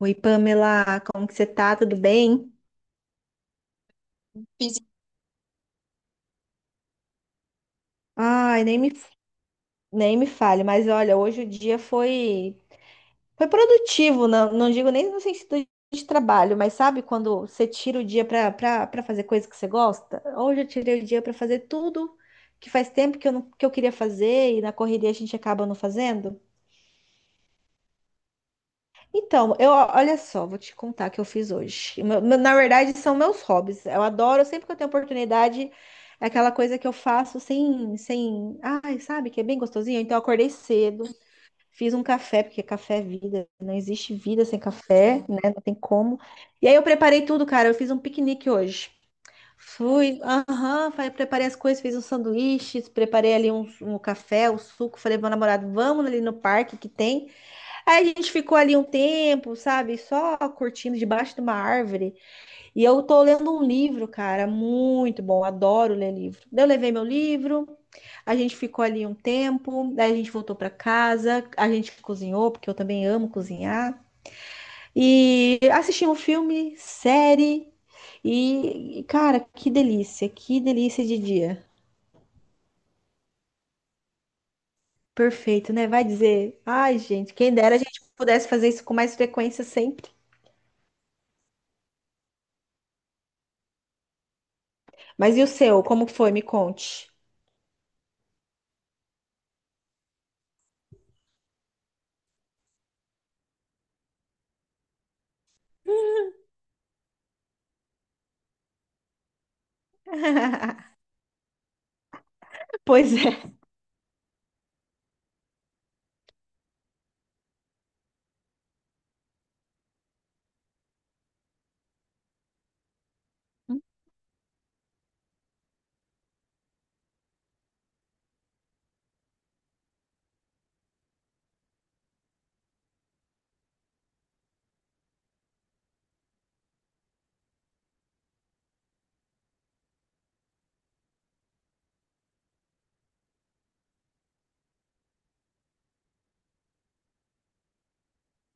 Oi, Pamela, como que você tá? Tudo bem? Fiz- Ai, nem me fale, mas olha, hoje o dia foi produtivo, não digo nem no sentido de trabalho, mas sabe quando você tira o dia pra pra fazer coisa que você gosta? Hoje eu tirei o dia pra fazer tudo que faz tempo que eu, não, que eu queria fazer e na correria a gente acaba não fazendo. Então, eu, olha só, vou te contar o que eu fiz hoje. Na verdade, são meus hobbies. Eu adoro, sempre que eu tenho oportunidade, é aquela coisa que eu faço sem, sem, ai, sabe, que é bem gostosinho. Então, eu acordei cedo, fiz um café, porque café é vida, não existe vida sem café, né? Não tem como. E aí eu preparei tudo, cara. Eu fiz um piquenique hoje. Fui, aham, falei, preparei as coisas, fiz uns sanduíches, preparei ali um café, um suco. Falei pro meu namorado, vamos ali no parque que tem. Aí a gente ficou ali um tempo, sabe? Só curtindo debaixo de uma árvore. E eu tô lendo um livro, cara, muito bom. Adoro ler livro. Daí eu levei meu livro, a gente ficou ali um tempo, daí a gente voltou pra casa, a gente cozinhou, porque eu também amo cozinhar. E assisti um filme, série. Cara, que delícia de dia. Perfeito, né? Vai dizer. Ai, gente, quem dera a gente pudesse fazer isso com mais frequência sempre. Mas e o seu? Como foi? Me conte. Pois é.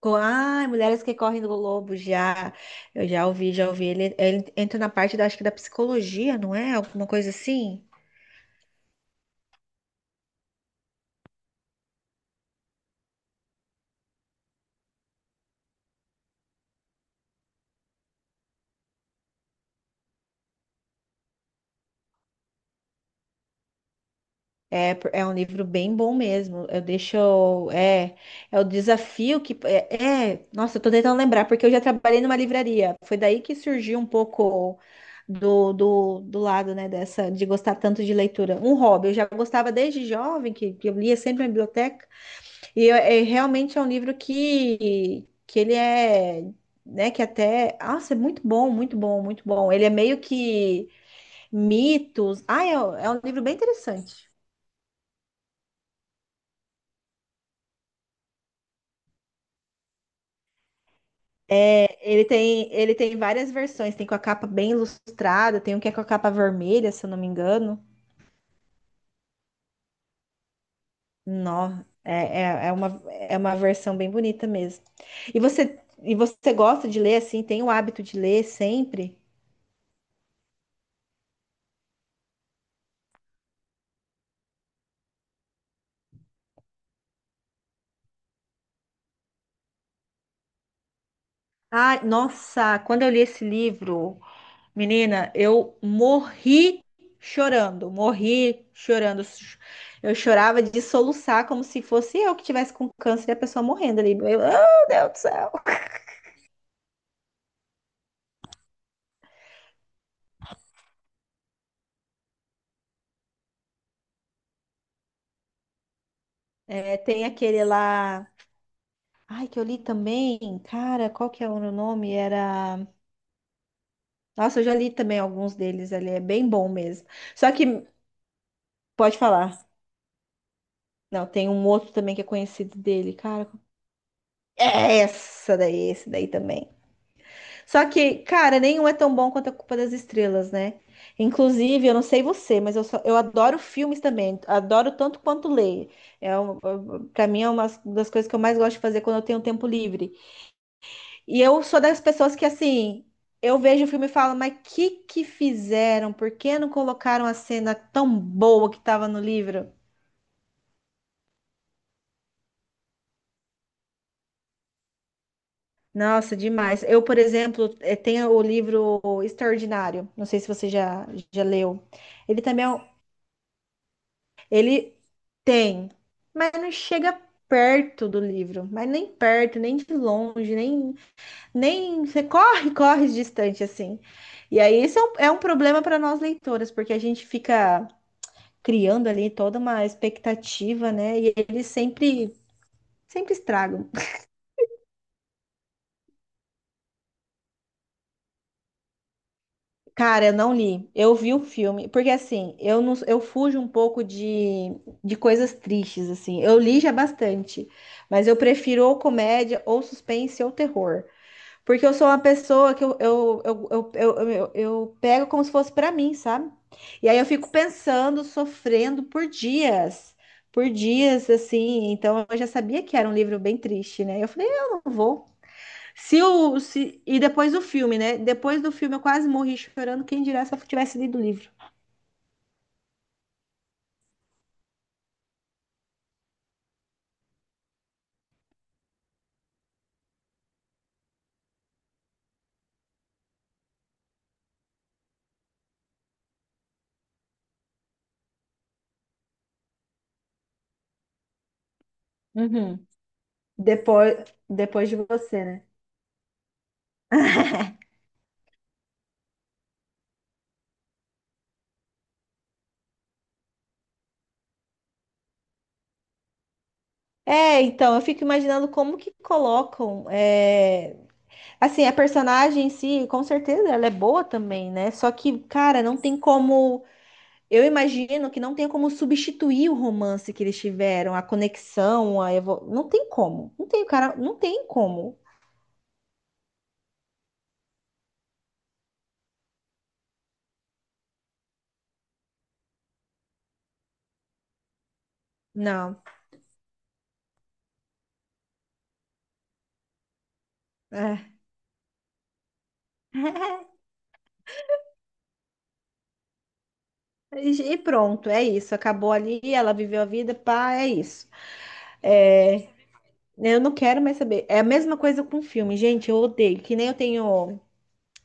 Ai, mulheres que correm do lobo, já. Eu já ouvi, já ouvi. Ele entra na parte da, acho que da psicologia, não é? Alguma coisa assim. É, é um livro bem bom mesmo. Eu deixo. É, é o desafio que. Nossa, eu tô tentando lembrar, porque eu já trabalhei numa livraria. Foi daí que surgiu um pouco do lado, né, dessa, de gostar tanto de leitura. Um hobby. Eu já gostava desde jovem, que eu lia sempre na biblioteca. É, realmente é um livro que ele é, né, que até, nossa, é muito bom, muito bom, muito bom. Ele é meio que mitos. Ah, é, é um livro bem interessante. É, ele tem várias versões, tem com a capa bem ilustrada, tem um que é com a capa vermelha, se eu não me engano. Não é, é uma versão bem bonita mesmo. E você gosta de ler assim, tem o hábito de ler sempre? Ah, nossa, quando eu li esse livro, menina, eu morri chorando, morri chorando. Eu chorava de soluçar como se fosse eu que tivesse com câncer e a pessoa morrendo ali. Eu, oh, Deus do céu. É, tem aquele lá. Ai, que eu li também. Cara, qual que é o nome? Era. Nossa, eu já li também alguns deles ali. É bem bom mesmo. Só que, pode falar. Não, tem um outro também que é conhecido dele. Cara, é essa daí, esse daí também. Só que, cara, nenhum é tão bom quanto a Culpa das Estrelas, né? Inclusive, eu não sei você, mas eu, só, eu adoro filmes também. Adoro tanto quanto ler. É um, para mim é uma das coisas que eu mais gosto de fazer quando eu tenho tempo livre. E eu sou das pessoas que assim, eu vejo o filme e falo, mas que fizeram? Por que não colocaram a cena tão boa que estava no livro? Nossa, demais. Eu, por exemplo, tenho o livro Extraordinário. Não sei se você já leu. Ele também é. Ele tem, mas não chega perto do livro, mas nem perto, nem de longe, nem, nem você corre, corre distante assim. E aí isso é é um problema para nós leitoras, porque a gente fica criando ali toda uma expectativa, né? Sempre estragam. Cara, eu não li. Eu vi o filme, porque assim, eu não, eu fujo um pouco de coisas tristes assim. Eu li já bastante, mas eu prefiro ou comédia, ou suspense, ou terror. Porque eu sou uma pessoa que eu pego como se fosse pra mim, sabe? E aí eu fico pensando, sofrendo por dias, assim. Então eu já sabia que era um livro bem triste, né? Eu falei, eu não vou. Se o, se... E depois do filme, né? Depois do filme eu quase morri chorando. Quem dirá se eu tivesse lido o livro? Uhum. Depois, depois de você, né? É, então, eu fico imaginando como que colocam. Assim, a personagem em si, com certeza, ela é boa também, né? Só que, cara, não tem como. Eu imagino que não tem como substituir o romance que eles tiveram, a conexão, a evo... Não tem como. Não tem, cara, não tem como. Não. É. E e pronto, é isso. Acabou ali, ela viveu a vida, pá, é isso. Eu não quero mais saber. É a mesma coisa com filme, gente. Eu odeio. Que nem eu tenho,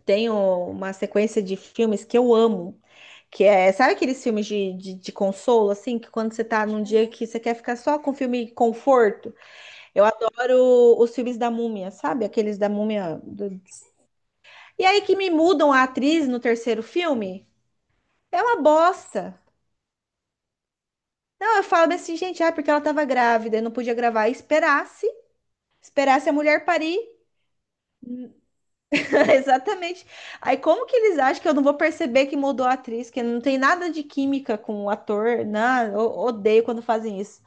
tenho uma sequência de filmes que eu amo. Que é, sabe aqueles filmes de consolo, assim, que quando você tá num dia que você quer ficar só com filme conforto? Eu adoro os filmes da Múmia, sabe? Aqueles da Múmia. E aí que me mudam a atriz no terceiro filme? É uma bosta. Não, eu falo assim, gente, ah, porque ela tava grávida e não podia gravar. Esperasse a mulher parir. Exatamente. Aí como que eles acham que eu não vou perceber que mudou a atriz, que não tem nada de química com o ator? Não, eu odeio quando fazem isso.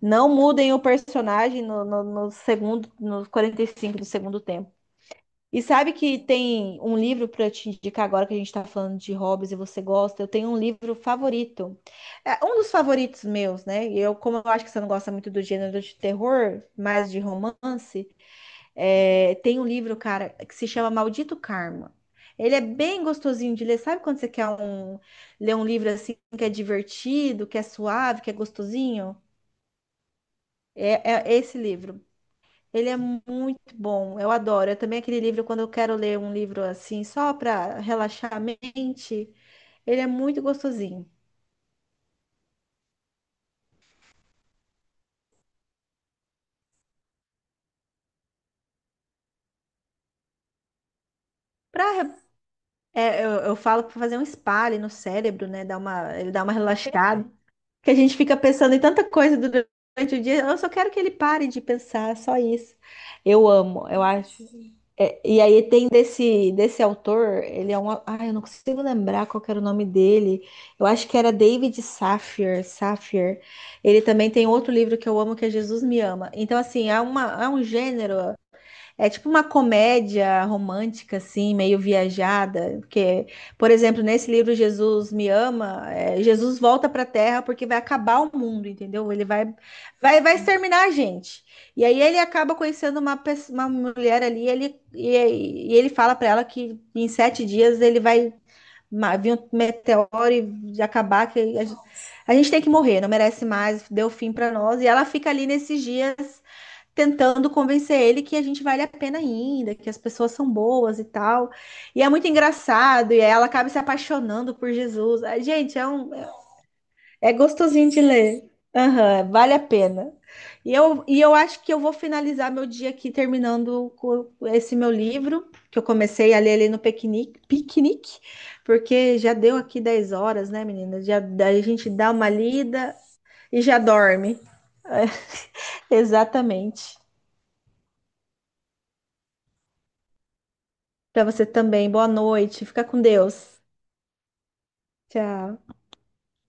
Não mudem o personagem no segundo, nos 45 do segundo tempo. E sabe que tem um livro para te indicar agora que a gente está falando de hobbies e você gosta? Eu tenho um livro favorito. É um dos favoritos meus, né? E eu, como eu acho que você não gosta muito do gênero de terror, mais de romance, é, tem um livro, cara, que se chama Maldito Karma. Ele é bem gostosinho de ler. Sabe quando você quer ler um livro assim que é divertido, que é suave, que é gostosinho? É, é esse livro. Ele é muito bom, eu adoro. É também aquele livro, quando eu quero ler um livro assim, só para relaxar a mente, ele é muito gostosinho. Pra, re- é, eu falo para fazer um spa ali no cérebro, né? Dá uma, ele dá uma relaxada. Que a gente fica pensando em tanta coisa durante o dia. Eu só quero que ele pare de pensar, só isso. Eu amo, eu acho. É, e aí tem desse autor, ele é um. Ai, eu não consigo lembrar qual que era o nome dele. Eu acho que era David Safir. Ele também tem outro livro que eu amo, que é Jesus Me Ama. Então, assim, há um gênero. É tipo uma comédia romântica, assim, meio viajada. Porque, por exemplo, nesse livro Jesus Me Ama, é, Jesus volta para a Terra porque vai acabar o mundo, entendeu? Vai exterminar a gente. E aí ele acaba conhecendo uma mulher ali, e ele fala para ela que em 7 dias ele vai vir um meteoro e de acabar, a gente tem que morrer, não merece mais, deu fim para nós. E ela fica ali nesses dias tentando convencer ele que a gente vale a pena ainda, que as pessoas são boas e tal. E é muito engraçado, e ela acaba se apaixonando por Jesus. Ah, gente, é um é gostosinho de ler. Aham, vale a pena. E eu acho que eu vou finalizar meu dia aqui terminando com esse meu livro, que eu comecei a ler ali no piquenique, porque já deu aqui 10 horas, né, menina? Já, a gente dá uma lida e já dorme. Exatamente. Para você também. Boa noite. Fica com Deus. Tchau.